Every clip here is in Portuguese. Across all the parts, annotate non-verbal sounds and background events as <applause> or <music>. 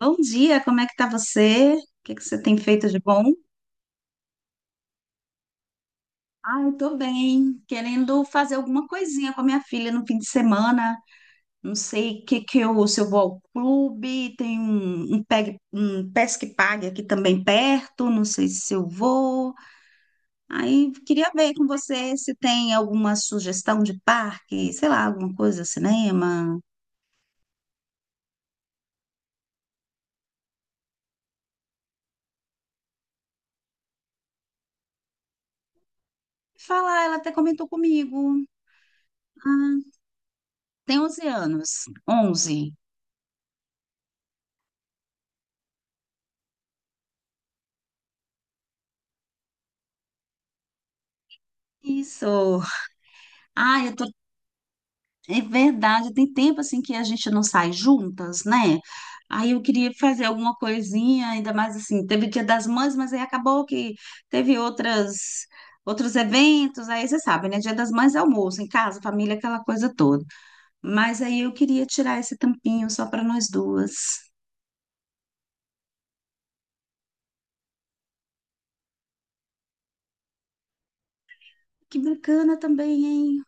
Bom dia, como é que tá você? O que que você tem feito de bom? Ah, eu tô bem, querendo fazer alguma coisinha com a minha filha no fim de semana. Não sei o que que eu, se eu vou ao clube, tem um pesque pague aqui também perto, não sei se eu vou. Aí queria ver com você se tem alguma sugestão de parque, sei lá, alguma coisa, cinema. Falar, ela até comentou comigo. Ah, tem 11 anos, 11. Isso. Ah, eu tô. É verdade, tem tempo assim que a gente não sai juntas, né? Aí eu queria fazer alguma coisinha, ainda mais assim, teve o Dia das Mães, mas aí acabou que teve outras outros eventos, aí você sabe, né? Dia das Mães é almoço em casa, família, aquela coisa toda. Mas aí eu queria tirar esse tampinho só para nós duas. Que bacana também, hein?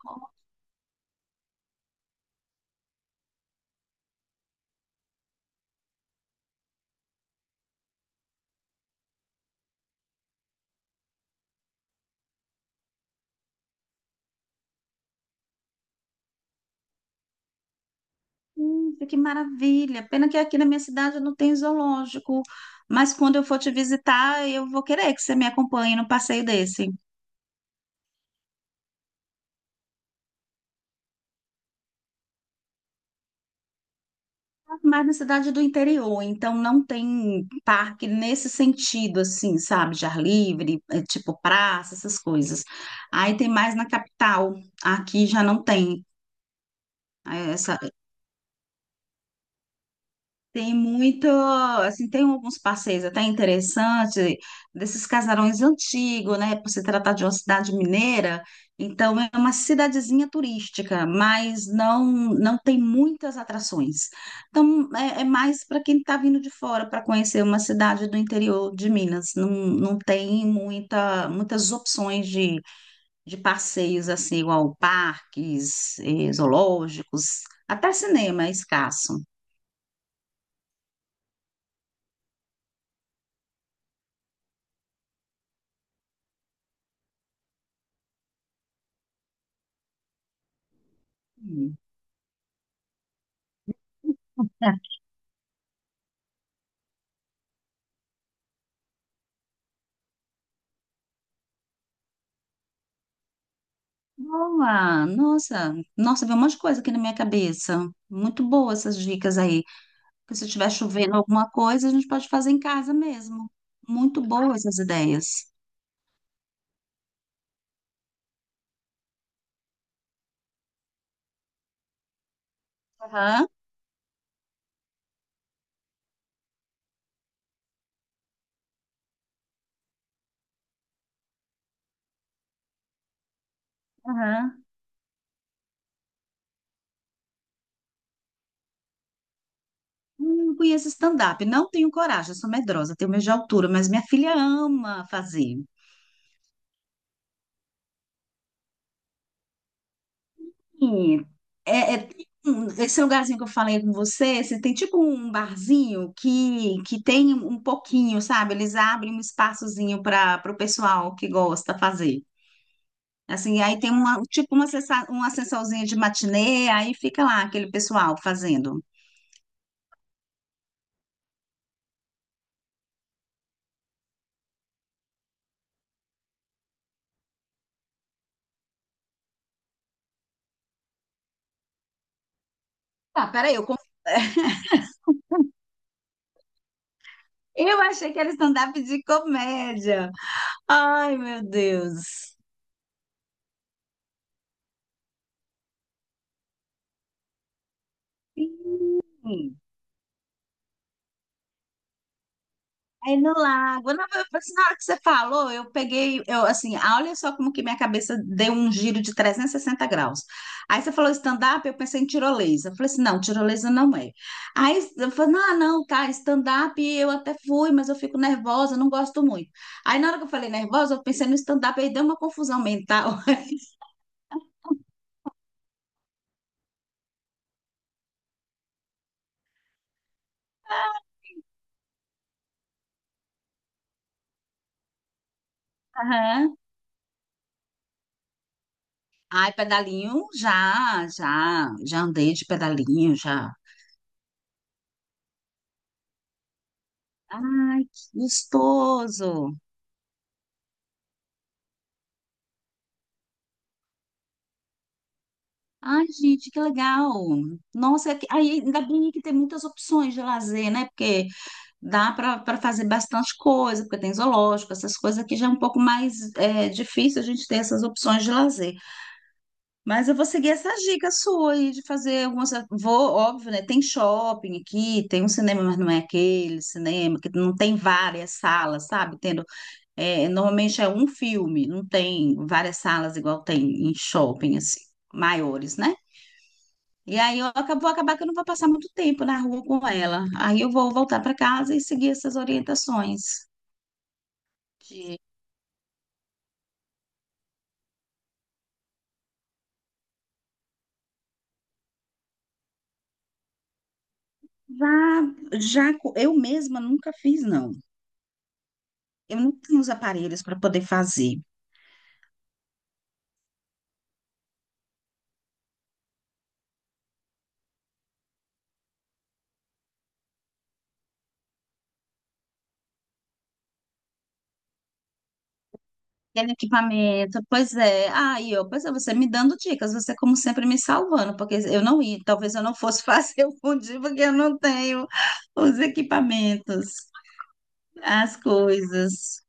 Que maravilha. Pena que aqui na minha cidade eu não tem zoológico, mas quando eu for te visitar, eu vou querer que você me acompanhe num passeio desse. Mas na cidade do interior, então não tem parque nesse sentido, assim, sabe? De ar livre, é, tipo praça, essas coisas. Aí tem mais na capital. Aqui já não tem, é, essa... Tem muito, assim, tem alguns passeios até interessantes, desses casarões antigos, né? Por se tratar de uma cidade mineira, então é uma cidadezinha turística, mas não tem muitas atrações. Então é mais para quem está vindo de fora para conhecer uma cidade do interior de Minas. Não, não tem muitas opções de passeios, assim, igual parques, zoológicos, até cinema é escasso. Boa! Nossa, nossa, veio um monte de coisa aqui na minha cabeça. Muito boa essas dicas aí. Porque se estiver chovendo alguma coisa, a gente pode fazer em casa mesmo. Muito boas essas ideias. Aham, aham. Não conheço stand-up, não tenho coragem, sou medrosa, tenho medo de altura, mas minha filha ama fazer. Sim, é, é- esse lugarzinho que eu falei com você, você tem tipo um barzinho que tem um pouquinho, sabe? Eles abrem um espaçozinho para o pessoal que gosta fazer. Assim, e aí tem uma, um tipo uma, sessa- uma sessãozinha de matinê, aí fica lá aquele pessoal fazendo. Ah, peraí, <laughs> eu achei que era stand-up de comédia. Ai, meu Deus. Aí no lago. Não, eu, assim, na hora que você falou, eu peguei, eu assim, ah, olha só como que minha cabeça deu um giro de 360 graus. Aí você falou stand-up, eu pensei em tirolesa. Eu falei assim, não, tirolesa não é. Aí eu falei, não, não, tá, stand-up eu até fui, mas eu fico nervosa, não gosto muito. Aí na hora que eu falei nervosa, eu pensei no stand-up, aí deu uma confusão mental. <laughs> Aham. Ai, pedalinho, já, já, já andei de pedalinho, já. Ai, que gostoso. Ai, gente, que legal! Nossa, aí ainda bem que tem muitas opções de lazer, né? Porque dá para fazer bastante coisa, porque tem zoológico, essas coisas aqui já é um pouco mais é, difícil a gente ter essas opções de lazer. Mas eu vou seguir essa dica sua aí de fazer algumas. Vou, óbvio, né? Tem shopping aqui, tem um cinema, mas não é aquele cinema, que não tem várias salas, sabe? Tendo, é, normalmente é um filme, não tem várias salas igual tem em shopping, assim, maiores, né? E aí vou acabar que eu não vou passar muito tempo na rua com ela. Aí eu vou voltar para casa e seguir essas orientações. De- Já, eu mesma nunca fiz, não. Eu não tenho os aparelhos para poder fazer. Aquele equipamento, pois é. Aí, ó, pois é, você me dando dicas, você como sempre me salvando, porque eu não ia, talvez eu não fosse <laughs> fazer o fundir, porque eu não tenho os equipamentos, as coisas.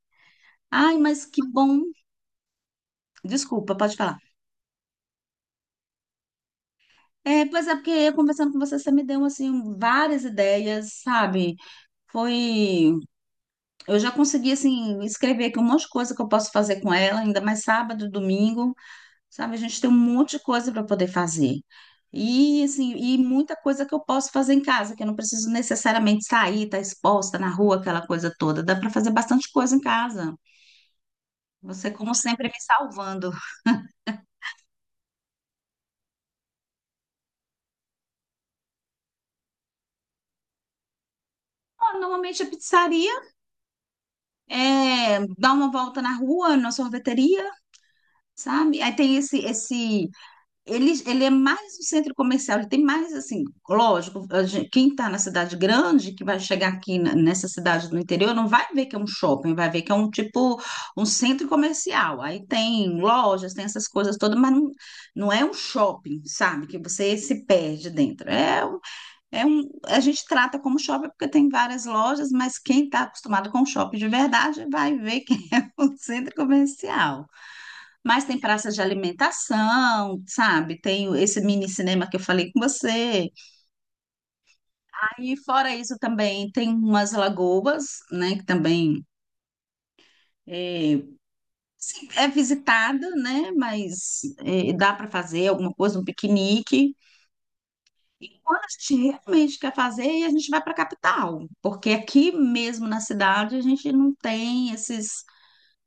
Ai, mas que bom. Desculpa, pode falar. É, pois é, porque eu conversando com você, você me deu, assim, várias ideias, sabe? Foi... Eu já consegui, assim, escrever aqui um monte de coisa que eu posso fazer com ela, ainda mais sábado, domingo, sabe? A gente tem um monte de coisa para poder fazer. E, assim, e muita coisa que eu posso fazer em casa, que eu não preciso necessariamente sair, estar exposta na rua, aquela coisa toda. Dá para fazer bastante coisa em casa. Você, como sempre, me salvando. Ó, normalmente a pizzaria é dar uma volta na rua, na sorveteria, sabe? Aí tem ele é mais um centro comercial, ele tem mais assim, lógico, quem está na cidade grande, que vai chegar aqui nessa cidade do interior, não vai ver que é um shopping, vai ver que é um tipo, um centro comercial. Aí tem lojas, tem essas coisas todas, mas não é um shopping, sabe? Que você se perde dentro. A gente trata como shopping porque tem várias lojas, mas quem está acostumado com shopping de verdade vai ver que <laughs> é um centro comercial. Mas tem praça de alimentação, sabe? Esse mini cinema que eu falei com você. Aí, fora isso, também tem umas lagoas, né? Que também é, sim, é visitada, né? Mas é, dá para fazer alguma coisa, um piquenique. E quando a gente realmente quer fazer, aí a gente vai para a capital, porque aqui mesmo na cidade a gente não tem esses,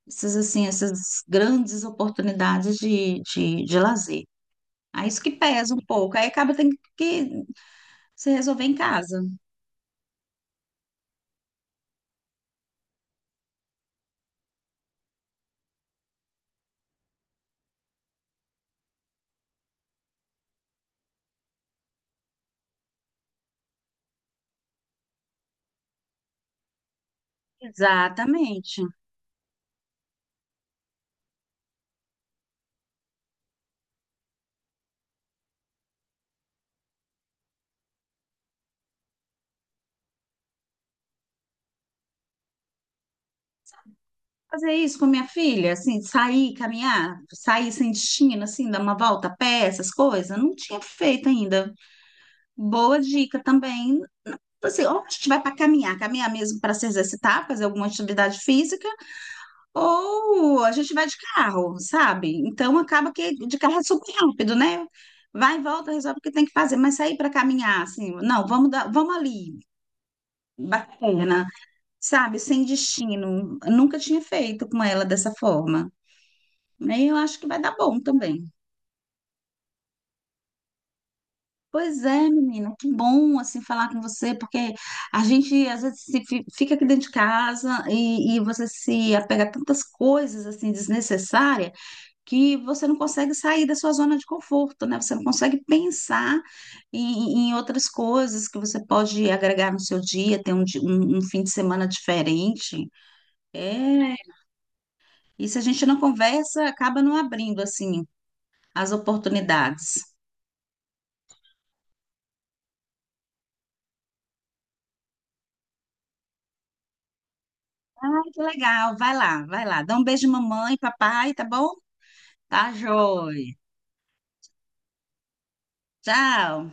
esses assim, essas grandes oportunidades de lazer. Aí isso que pesa um pouco. Aí acaba tendo que se resolver em casa. Exatamente. Fazer isso com minha filha, assim, sair, caminhar, sair sem destino, assim, dar uma volta a pé, essas coisas, não tinha feito ainda. Boa dica também. Assim, ou a gente vai para caminhar, caminhar mesmo para se exercitar, fazer alguma atividade física, ou a gente vai de carro, sabe? Então acaba que de carro é super rápido, né? Vai e volta, resolve o que tem que fazer, mas sair para caminhar, assim, não, vamos dar, vamos ali. Bacana, sabe? Sem destino. Nunca tinha feito com ela dessa forma. Né? E eu acho que vai dar bom também. Pois é, menina, que bom assim falar com você, porque a gente às vezes se fica aqui dentro de casa e você se apega a tantas coisas assim desnecessárias que você não consegue sair da sua zona de conforto, né? Você não consegue pensar em outras coisas que você pode agregar no seu dia, ter um fim de semana diferente. É. E se a gente não conversa, acaba não abrindo assim as oportunidades. Ai, que legal, vai lá, vai lá. Dá um beijo, mamãe, papai, tá bom? Tá, joia. Tchau.